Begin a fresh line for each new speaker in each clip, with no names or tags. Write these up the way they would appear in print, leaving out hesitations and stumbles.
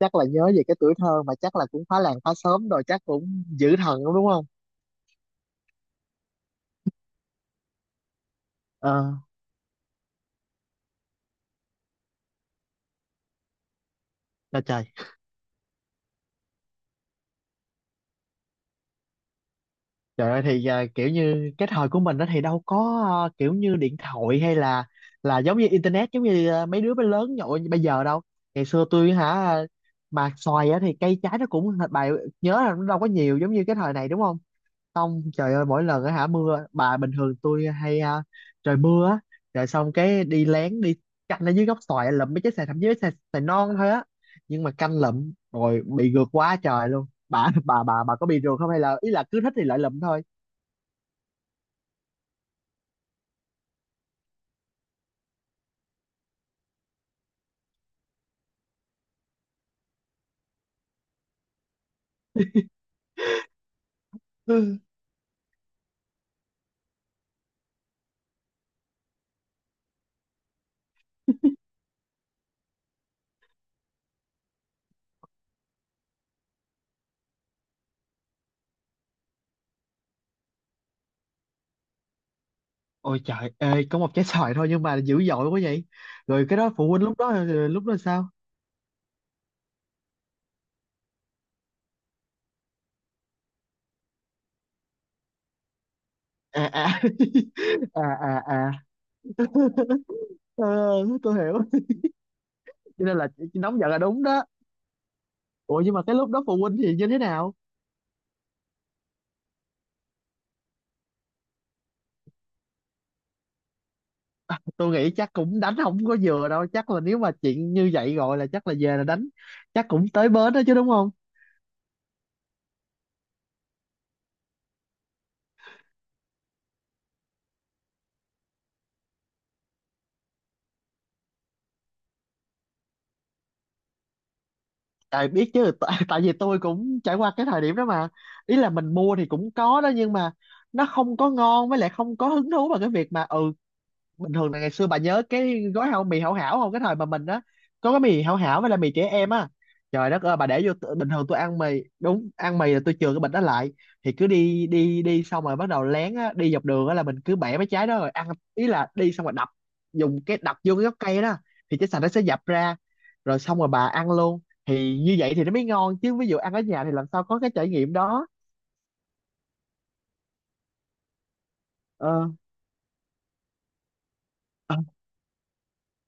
Chắc là nhớ về cái tuổi thơ mà chắc là cũng phá làng phá xóm rồi, chắc cũng dữ thần lắm đúng không? Ờ. À, trời. Trời ơi thì kiểu như cái thời của mình đó thì đâu có kiểu như điện thoại hay là giống như internet giống như mấy đứa mới lớn nhậu như bây giờ đâu. Ngày xưa tôi hả, mà xoài á thì cây trái nó cũng bà nhớ là nó đâu có nhiều giống như cái thời này đúng không? Không, trời ơi mỗi lần á hả mưa bà bình thường tôi hay trời mưa á rồi xong cái đi lén đi canh ở dưới gốc xoài lụm mấy trái xoài, thậm chí mấy trái xoài non thôi á, nhưng mà canh lụm rồi bị gượt quá trời luôn. Bà có bị rượt không hay là ý là cứ thích thì lại lụm thôi? Ừ. Ôi trời ơi có một trái xoài thôi nhưng mà dữ dội quá vậy. Rồi cái đó phụ huynh lúc đó lúc đó sao? À à. À à à. Ờ, tôi hiểu. Cho nên là chị nóng giận là đúng đó. Ủa nhưng mà cái lúc đó phụ huynh thì như thế nào? Tôi nghĩ chắc cũng đánh không có vừa đâu, chắc là nếu mà chuyện như vậy gọi là chắc là về là đánh, chắc cũng tới bến đó chứ đúng không? Tại biết chứ tại, tại vì tôi cũng trải qua cái thời điểm đó mà, ý là mình mua thì cũng có đó nhưng mà nó không có ngon, với lại không có hứng thú vào cái việc mà ừ. Bình thường là ngày xưa bà nhớ cái gói hảo mì hảo hảo không, cái thời mà mình á có cái mì hảo hảo với là mì trẻ em á, trời đất ơi bà để vô bình thường tôi ăn mì đúng ăn mì là tôi chừa cái bịch đó lại. Thì cứ đi đi đi xong rồi bắt đầu lén á, đi dọc đường á là mình cứ bẻ mấy trái đó rồi ăn, ý là đi xong rồi đập, dùng cái đập vô cái gốc cây đó thì trái sành nó sẽ dập ra rồi xong rồi bà ăn luôn. Thì như vậy thì nó mới ngon chứ ví dụ ăn ở nhà thì làm sao có cái trải nghiệm đó. Ờ. Ờ,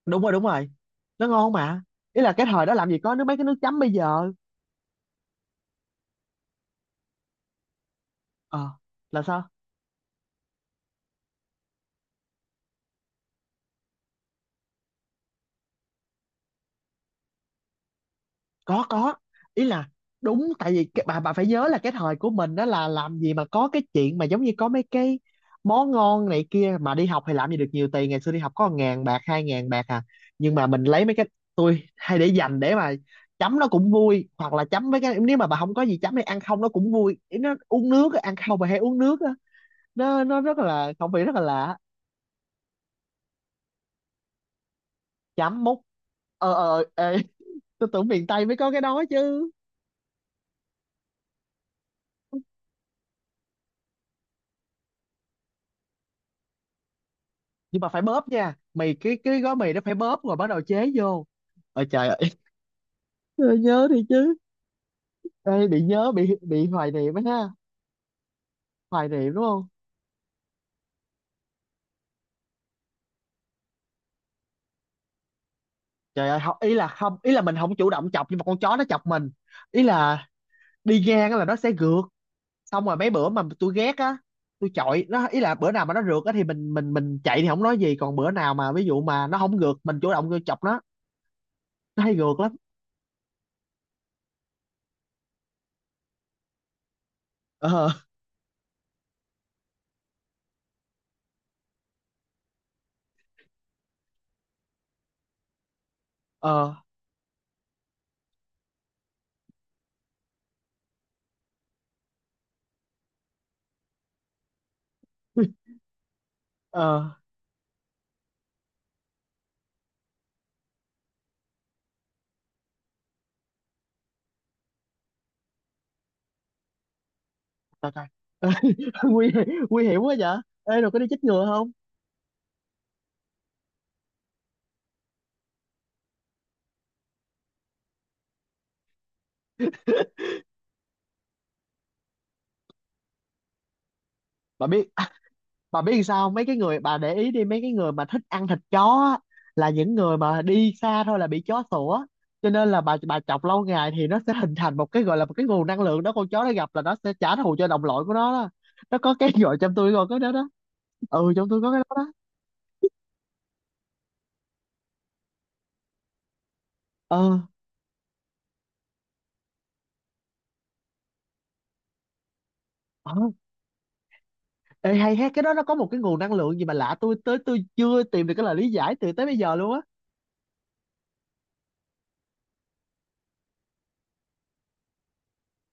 đúng rồi đúng rồi. Nó ngon mà, ý là cái thời đó làm gì có nước mấy cái nước chấm bây giờ. Ờ. Là sao? Có, ý là đúng tại vì bà phải nhớ là cái thời của mình đó là làm gì mà có cái chuyện mà giống như có mấy cái món ngon này kia, mà đi học thì làm gì được nhiều tiền, ngày xưa đi học có ngàn bạc hai ngàn bạc à. Nhưng mà mình lấy mấy cái, tôi hay để dành để mà chấm nó cũng vui, hoặc là chấm mấy cái nếu mà bà không có gì chấm thì ăn không nó cũng vui. Ý nó uống nước á, ăn không bà hay uống nước á. Nó rất là không phải rất là lạ. Chấm múc. Ờ ờ ê. Tôi tưởng miền Tây mới có cái đó chứ. Nhưng mà phải bóp nha mày, cái gói mì nó phải bóp rồi bắt đầu chế vô. Ôi trời ơi. Trời ơi, nhớ đi chứ. Ê, bị nhớ bị hoài niệm á ha. Hoài niệm đúng không? Trời ơi không, ý là không, ý là mình không chủ động chọc nhưng mà con chó nó chọc mình, ý là đi ngang á là nó sẽ rượt. Xong rồi mấy bữa mà tôi ghét á tôi chọi nó, ý là bữa nào mà nó rượt á thì mình chạy thì không nói gì, còn bữa nào mà ví dụ mà nó không rượt mình chủ động vô chọc nó. Nó hay rượt lắm. Ờ. Ờ. Ờ. Trời trời. Nguy, nguy hiểm quá vậy. Ê rồi có đi chích ngừa không? Bà biết, bà biết làm sao không? Mấy cái người bà để ý đi, mấy cái người mà thích ăn thịt chó á, là những người mà đi xa thôi là bị chó sủa. Cho nên là bà chọc lâu ngày thì nó sẽ hình thành một cái gọi là một cái nguồn năng lượng đó, con chó nó gặp là nó sẽ trả thù cho đồng loại của nó đó. Nó có cái gọi trong tôi rồi có đó đó. Ừ trong tôi có cái đó đó. Ờ ờ. Ê, hay hết cái đó nó có một cái nguồn năng lượng gì mà lạ, tôi tới tôi chưa tìm được cái lời lý giải từ tới bây giờ luôn á.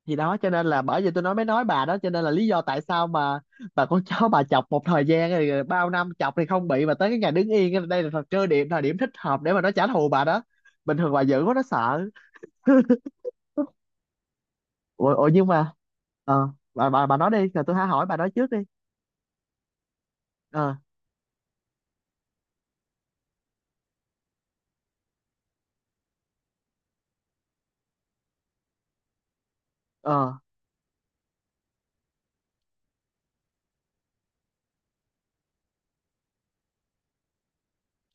Thì đó cho nên là bởi vì tôi nói mới nói bà đó, cho nên là lý do tại sao mà bà con chó bà chọc một thời gian rồi, rồi bao năm chọc thì không bị, mà tới cái ngày đứng yên á, đây là thời cơ điểm thời điểm thích hợp để mà nó trả thù bà đó. Bình thường bà dữ quá nó sợ. Ủa nhưng mà ờ, bà nói đi rồi tôi hãy hỏi, bà nói trước đi. Ờ. Ờ.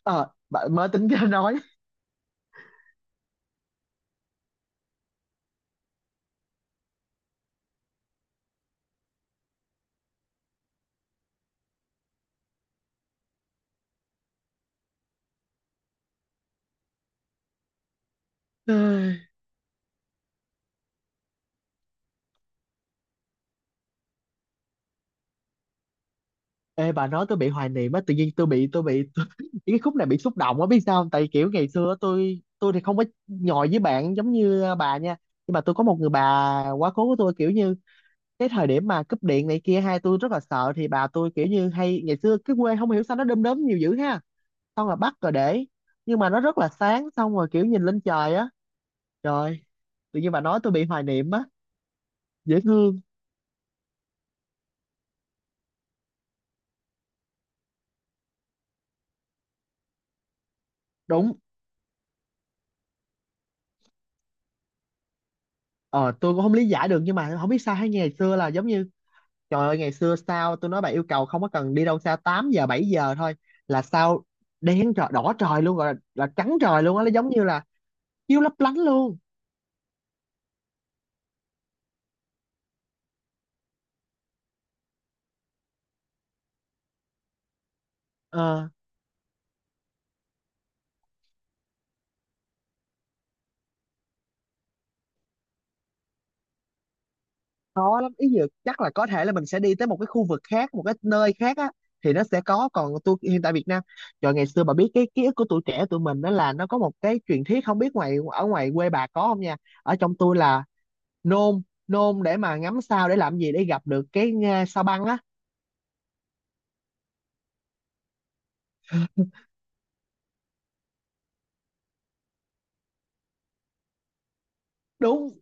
Ờ bà mới tính ra nói. Ê bà nói tôi bị hoài niệm á, tự nhiên tôi bị tôi bị, tôi, cái khúc này bị xúc động á biết sao không? Tại kiểu ngày xưa á, tôi thì không có nhồi với bạn giống như bà nha, nhưng mà tôi có một người bà quá cố của tôi kiểu như cái thời điểm mà cúp điện này kia hai tôi rất là sợ, thì bà tôi kiểu như hay ngày xưa cái quê không hiểu sao nó đom đóm nhiều dữ ha, xong rồi bắt rồi để, nhưng mà nó rất là sáng xong rồi kiểu nhìn lên trời á, trời, tự nhiên bà nói tôi bị hoài niệm á, dễ thương. Đúng. Ờ tôi cũng không lý giải được nhưng mà không biết sao, hay ngày xưa là giống như trời ơi ngày xưa sao, tôi nói bà yêu cầu không có cần đi đâu xa, 8 giờ 7 giờ thôi là sao đen trời đỏ trời luôn, rồi là trắng trời luôn á, nó giống như là chiếu lấp lánh luôn. Ờ. Khó lắm ý dự, chắc là có thể là mình sẽ đi tới một cái khu vực khác một cái nơi khác á thì nó sẽ có, còn tôi hiện tại Việt Nam, trời ngày xưa bà biết cái ký ức của tuổi trẻ tụi mình đó là nó có một cái truyền thuyết không biết ngoài ở ngoài quê bà có không nha, ở trong tôi là nôn, nôn để mà ngắm sao để làm gì, để gặp được cái sao băng á. Đúng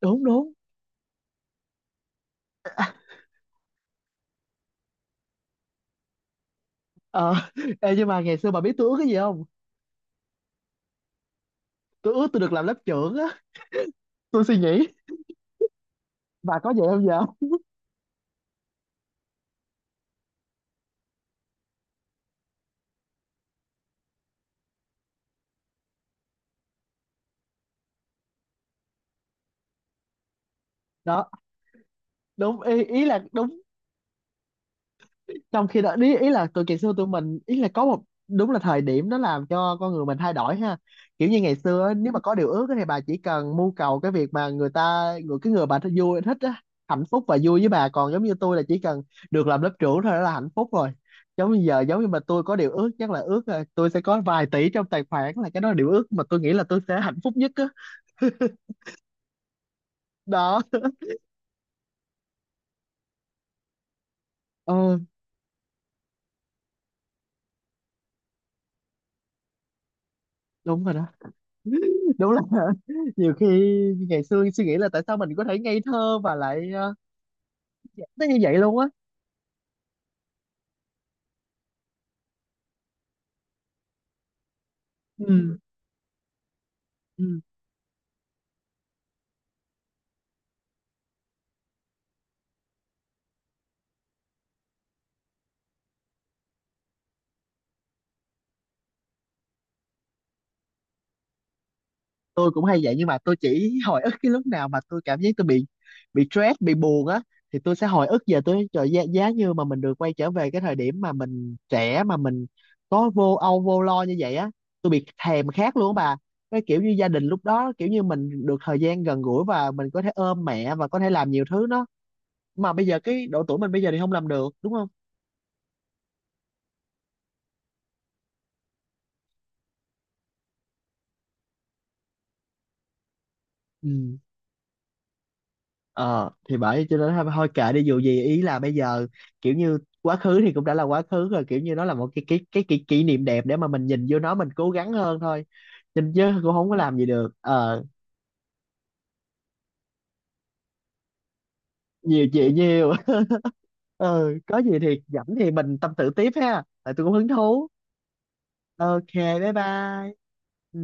đúng đúng. Ờ, ê, nhưng mà ngày xưa bà biết tôi ước cái gì không? Tôi ước tôi được làm lớp trưởng á. Tôi suy nghĩ, bà có vậy không giờ? Đó, đúng ý, ý là đúng, trong khi đó ý, ý là tụi ngày xưa tụi mình ý là có một, đúng là thời điểm nó làm cho con người mình thay đổi ha, kiểu như ngày xưa á, nếu mà có điều ước á thì bà chỉ cần mưu cầu cái việc mà người ta người cái người bà thích vui thích á, hạnh phúc và vui với bà, còn giống như tôi là chỉ cần được làm lớp trưởng thôi đó là hạnh phúc rồi. Giống như giờ giống như mà tôi có điều ước chắc là ước là tôi sẽ có vài tỷ trong tài khoản, là cái đó là điều ước mà tôi nghĩ là tôi sẽ hạnh phúc nhất á. Đó. Ờ đúng rồi đó, đúng là. Nhiều khi ngày xưa suy nghĩ là tại sao mình có thể ngây thơ, và lại nó như vậy luôn á. Ừ, ừ. Tôi cũng hay vậy nhưng mà tôi chỉ hồi ức cái lúc nào mà tôi cảm giác tôi bị, stress bị buồn á, thì tôi sẽ hồi ức về tôi trời giá, giá như mà mình được quay trở về cái thời điểm mà mình trẻ mà mình có vô âu vô lo như vậy á, tôi bị thèm khát luôn á bà, cái kiểu như gia đình lúc đó kiểu như mình được thời gian gần gũi và mình có thể ôm mẹ và có thể làm nhiều thứ đó, mà bây giờ cái độ tuổi mình bây giờ thì không làm được đúng không? Ừ. Ờ thì bởi cho nên thôi thôi kệ đi, dù gì ý là bây giờ kiểu như quá khứ thì cũng đã là quá khứ rồi, kiểu như nó là một cái kỷ niệm đẹp để mà mình nhìn vô nó mình cố gắng hơn thôi. Nhìn chứ cũng không có làm gì được ờ. Nhiều chuyện nhiều. Ờ có gì thì rảnh thì mình tâm sự tiếp ha, tại tôi cũng hứng thú. Ok. Bye bye. Ừ.